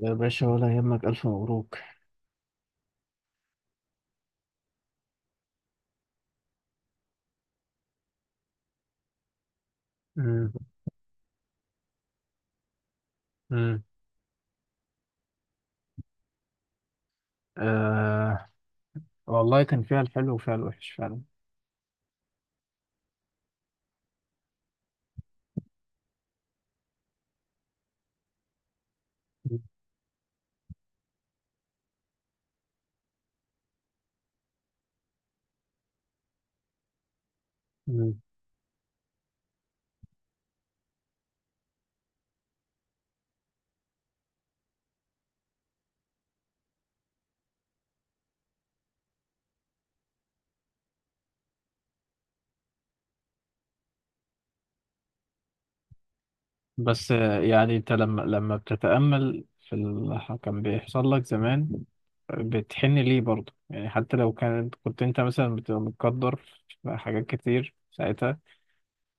يا باشا، ولا يهمك. ألف مبروك. مم. مم. آه، والله كان فيها الحلو وفيها الوحش فعلا. مم. مم. بس يعني أنت لما بتتأمل في اللي كان بيحصل لك زمان، بتحن ليه برضه؟ يعني حتى لو كانت كنت أنت مثلا بتبقى متقدر في حاجات كتير ساعتها،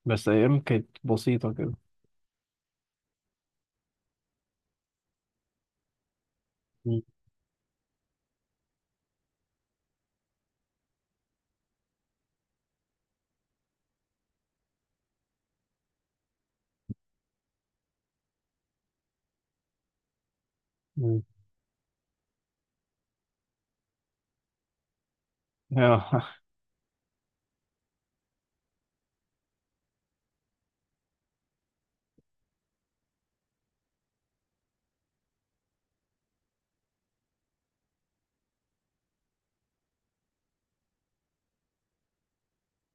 بس أيام كانت بسيطة كده. مم. مم. آه،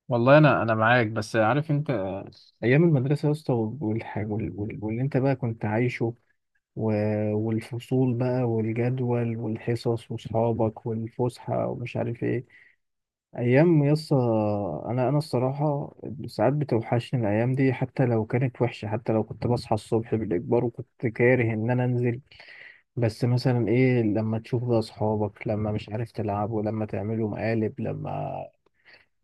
والله أنا معاك، بس عارف أنت أيام المدرسة يا اسطى، والحاجة واللي أنت بقى كنت عايشه، والفصول بقى والجدول والحصص وصحابك والفسحة ومش عارف ايه، أيام يسا. أنا الصراحة ساعات بتوحشني الأيام دي، حتى لو كانت وحشة، حتى لو كنت بصحى الصبح بالإجبار وكنت كاره إن أنا أنزل. بس مثلا ايه لما تشوف بقى أصحابك، لما مش عارف تلعبوا، لما تعملوا مقالب، لما...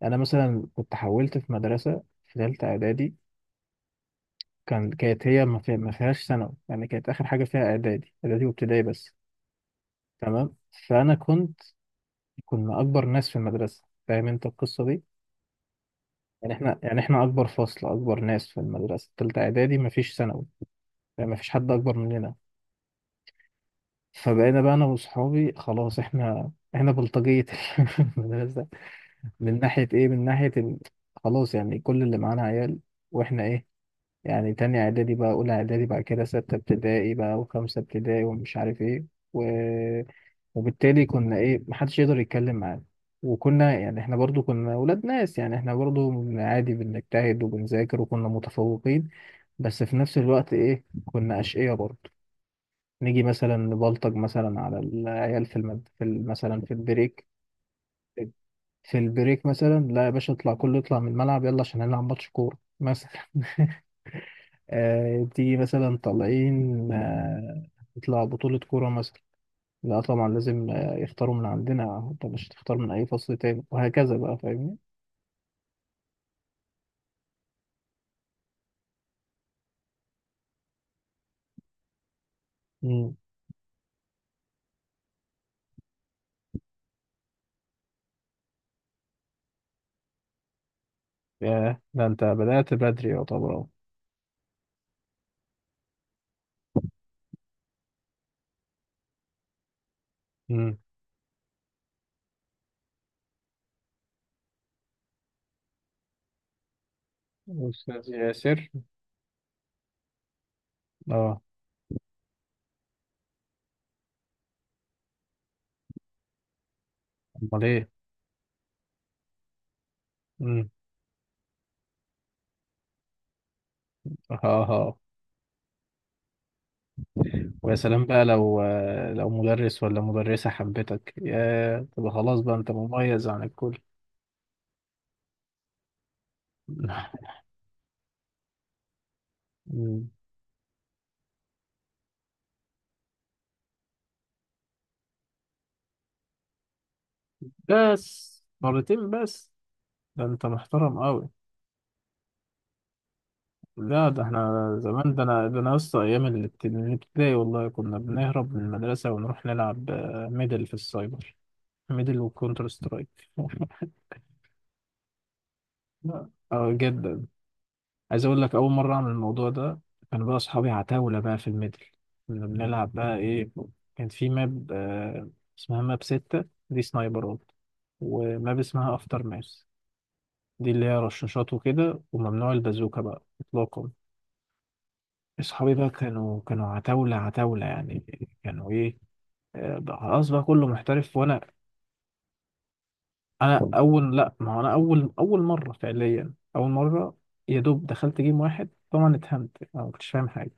أنا مثلا كنت حولت في مدرسة في تالتة إعدادي. كان كانت هي ما فيهاش ثانوي، يعني كانت آخر حاجة فيها إعدادي، إعدادي وابتدائي بس. تمام. فانا كنت، كنا اكبر ناس في المدرسه، فاهم انت القصه دي. يعني احنا، يعني احنا اكبر فصل، اكبر ناس في المدرسه، تالتة اعدادي، مفيش ثانوي، يعني مفيش حد اكبر مننا. فبقينا بقى انا واصحابي، خلاص احنا بلطجية المدرسه. من ناحيه ايه، من ناحيه خلاص، يعني كل اللي معانا عيال واحنا ايه، يعني تاني اعدادي بقى، اولى اعدادي، بعد كده ستة ابتدائي بقى، وخمسة ابتدائي، ومش عارف ايه. و... وبالتالي كنا ايه، محدش يقدر يتكلم معانا. وكنا يعني احنا برضو كنا ولاد ناس، يعني احنا برضو من عادي بنجتهد وبنذاكر وكنا متفوقين، بس في نفس الوقت ايه، كنا أشقية برضو. نيجي مثلا نبلطج مثلا على العيال في مثلا في البريك. في البريك مثلا، لا يا باشا اطلع، كله يطلع من الملعب، يلا عشان هنلعب ماتش كورة مثلا. آه، تيجي مثلا طالعين، آه نطلع بطولة كورة مثلا. لا طبعا لازم يختاروا من عندنا، انت مش تختار من اي فصل تاني، وهكذا بقى، فاهمني. امم. ياه، ده انت بدأت بدري يعتبر اهو. امم. استاذ ياسر. اه. امال ايه. امم. ها. ها. ويا سلام بقى لو مدرس ولا مدرسة حبتك، يا تبقى خلاص بقى انت مميز عن الكل. مم. بس مرتين بس؟ ده انت محترم قوي. لا، ده احنا زمان، ده انا، ده انا لسه ايام الابتدائي، والله كنا بنهرب من المدرسه ونروح نلعب ميدل في السايبر. ميدل وكونتر سترايك. لا، اه جدا. عايز اقول لك، اول مره اعمل الموضوع ده كان بقى اصحابي عتاوله بقى في الميدل. كنا بنلعب بقى ايه، كان في ماب اسمها ماب ستة دي سنايبرات، وماب اسمها افتر ماس، دي اللي هي رشاشات وكده، وممنوع البازوكا بقى اطلاقا. اصحابي بقى كانوا عتاولة، عتاولة يعني. كانوا ايه بقى خلاص بقى كله محترف، وانا، انا اول، لا ما هو انا اول، اول مرة فعليا، اول مرة يا دوب دخلت جيم واحد، طبعا اتهمت انا، ما كنتش فاهم حاجة.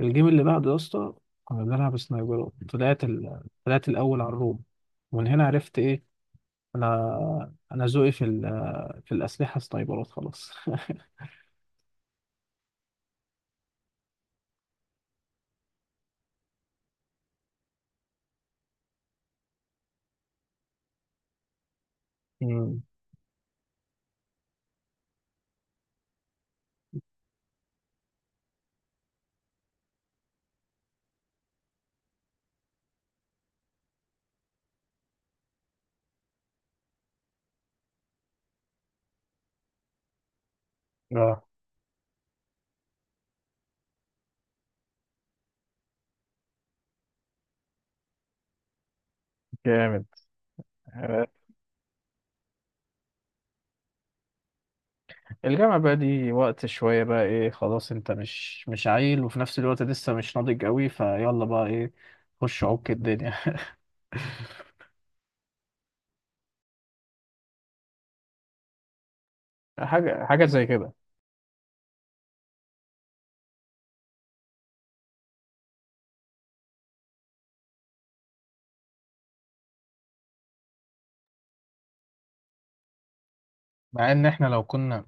الجيم اللي بعده يا اسطى، كنا بنلعب سنايبرات، طلعت الاول على الروم. ومن هنا عرفت ايه، انا في الاسلحة سنايبرات خلاص. مم. اه، جامد. الجامعة بقى دي وقت شوية بقى ايه، خلاص انت مش مش عيل، وفي نفس الوقت لسه مش ناضج قوي، فيلا بقى ايه، خش عك الدنيا. حاجة، حاجة زي كده. مع ان احنا لو كنا،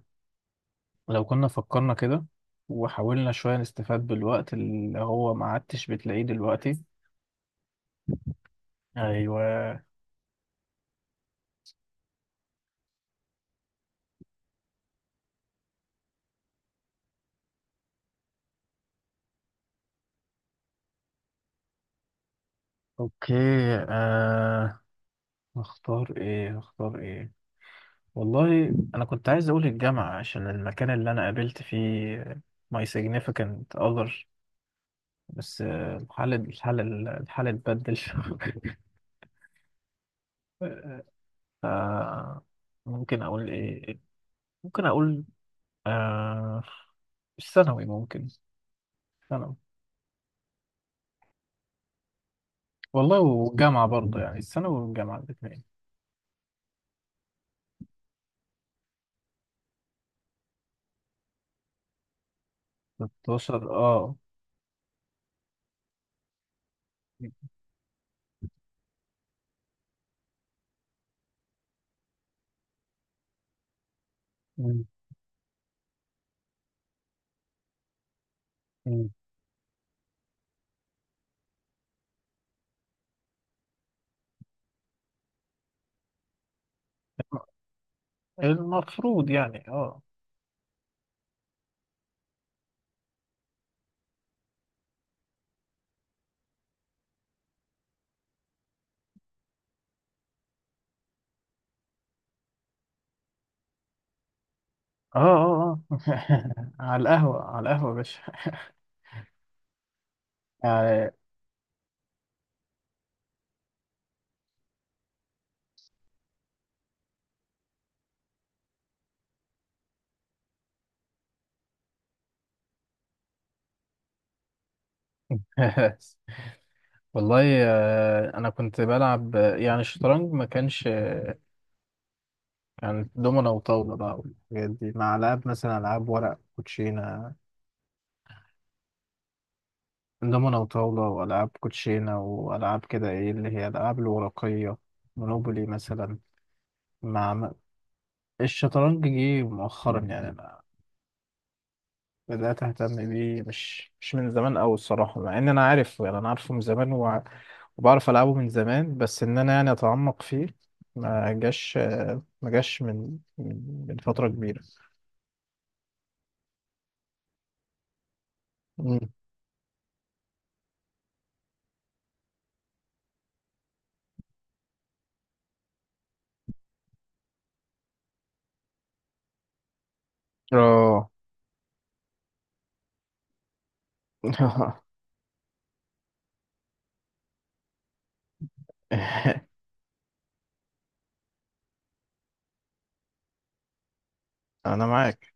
لو كنا فكرنا كده وحاولنا شوية نستفاد بالوقت اللي هو ما عدتش بتلاقيه دلوقتي. ايوه. اوكي. آه، اختار ايه، اختار ايه، والله انا كنت عايز اقول الجامعة عشان المكان اللي انا قابلت فيه my significant other، بس آه، الحال، الحال، الحال اتبدل. آه، ممكن اقول ايه، ممكن اقول آه، الثانوي ممكن، ثانوي، والله، والجامعة برضه يعني، الثانوي والجامعة الاثنين. 16، اه. مم. مم. المفروض يعني، اه، اه، اه، اه. على القهوة، على القهوة يا باشا. يعني والله انا كنت بلعب يعني الشطرنج ما كانش، يعني دومنا وطاولة بقى والحاجات دي، مع ألعاب مثلا، ألعاب ورق، كوتشينة. دومنا وطاولة وألعاب كوتشينة وألعاب كده إيه اللي هي الألعاب الورقية، مونوبولي مثلا. مع الشطرنج جه مؤخرا، يعني أنا بدأت أهتم بيه، مش مش من زمان أوي الصراحة. مع إن أنا عارفه، يعني أنا عارفه من زمان، وبعرف ألعبه من زمان، بس إن أنا يعني أتعمق فيه ما جاش، ما جاش من فترة كبيرة. مم. اه. انا معاك.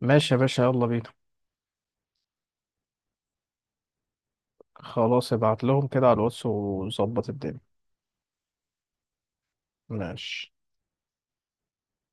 ماشي يا باشا، يلا بينا. خلاص، ابعت لهم كده على الواتس وظبط الدنيا. ماشي.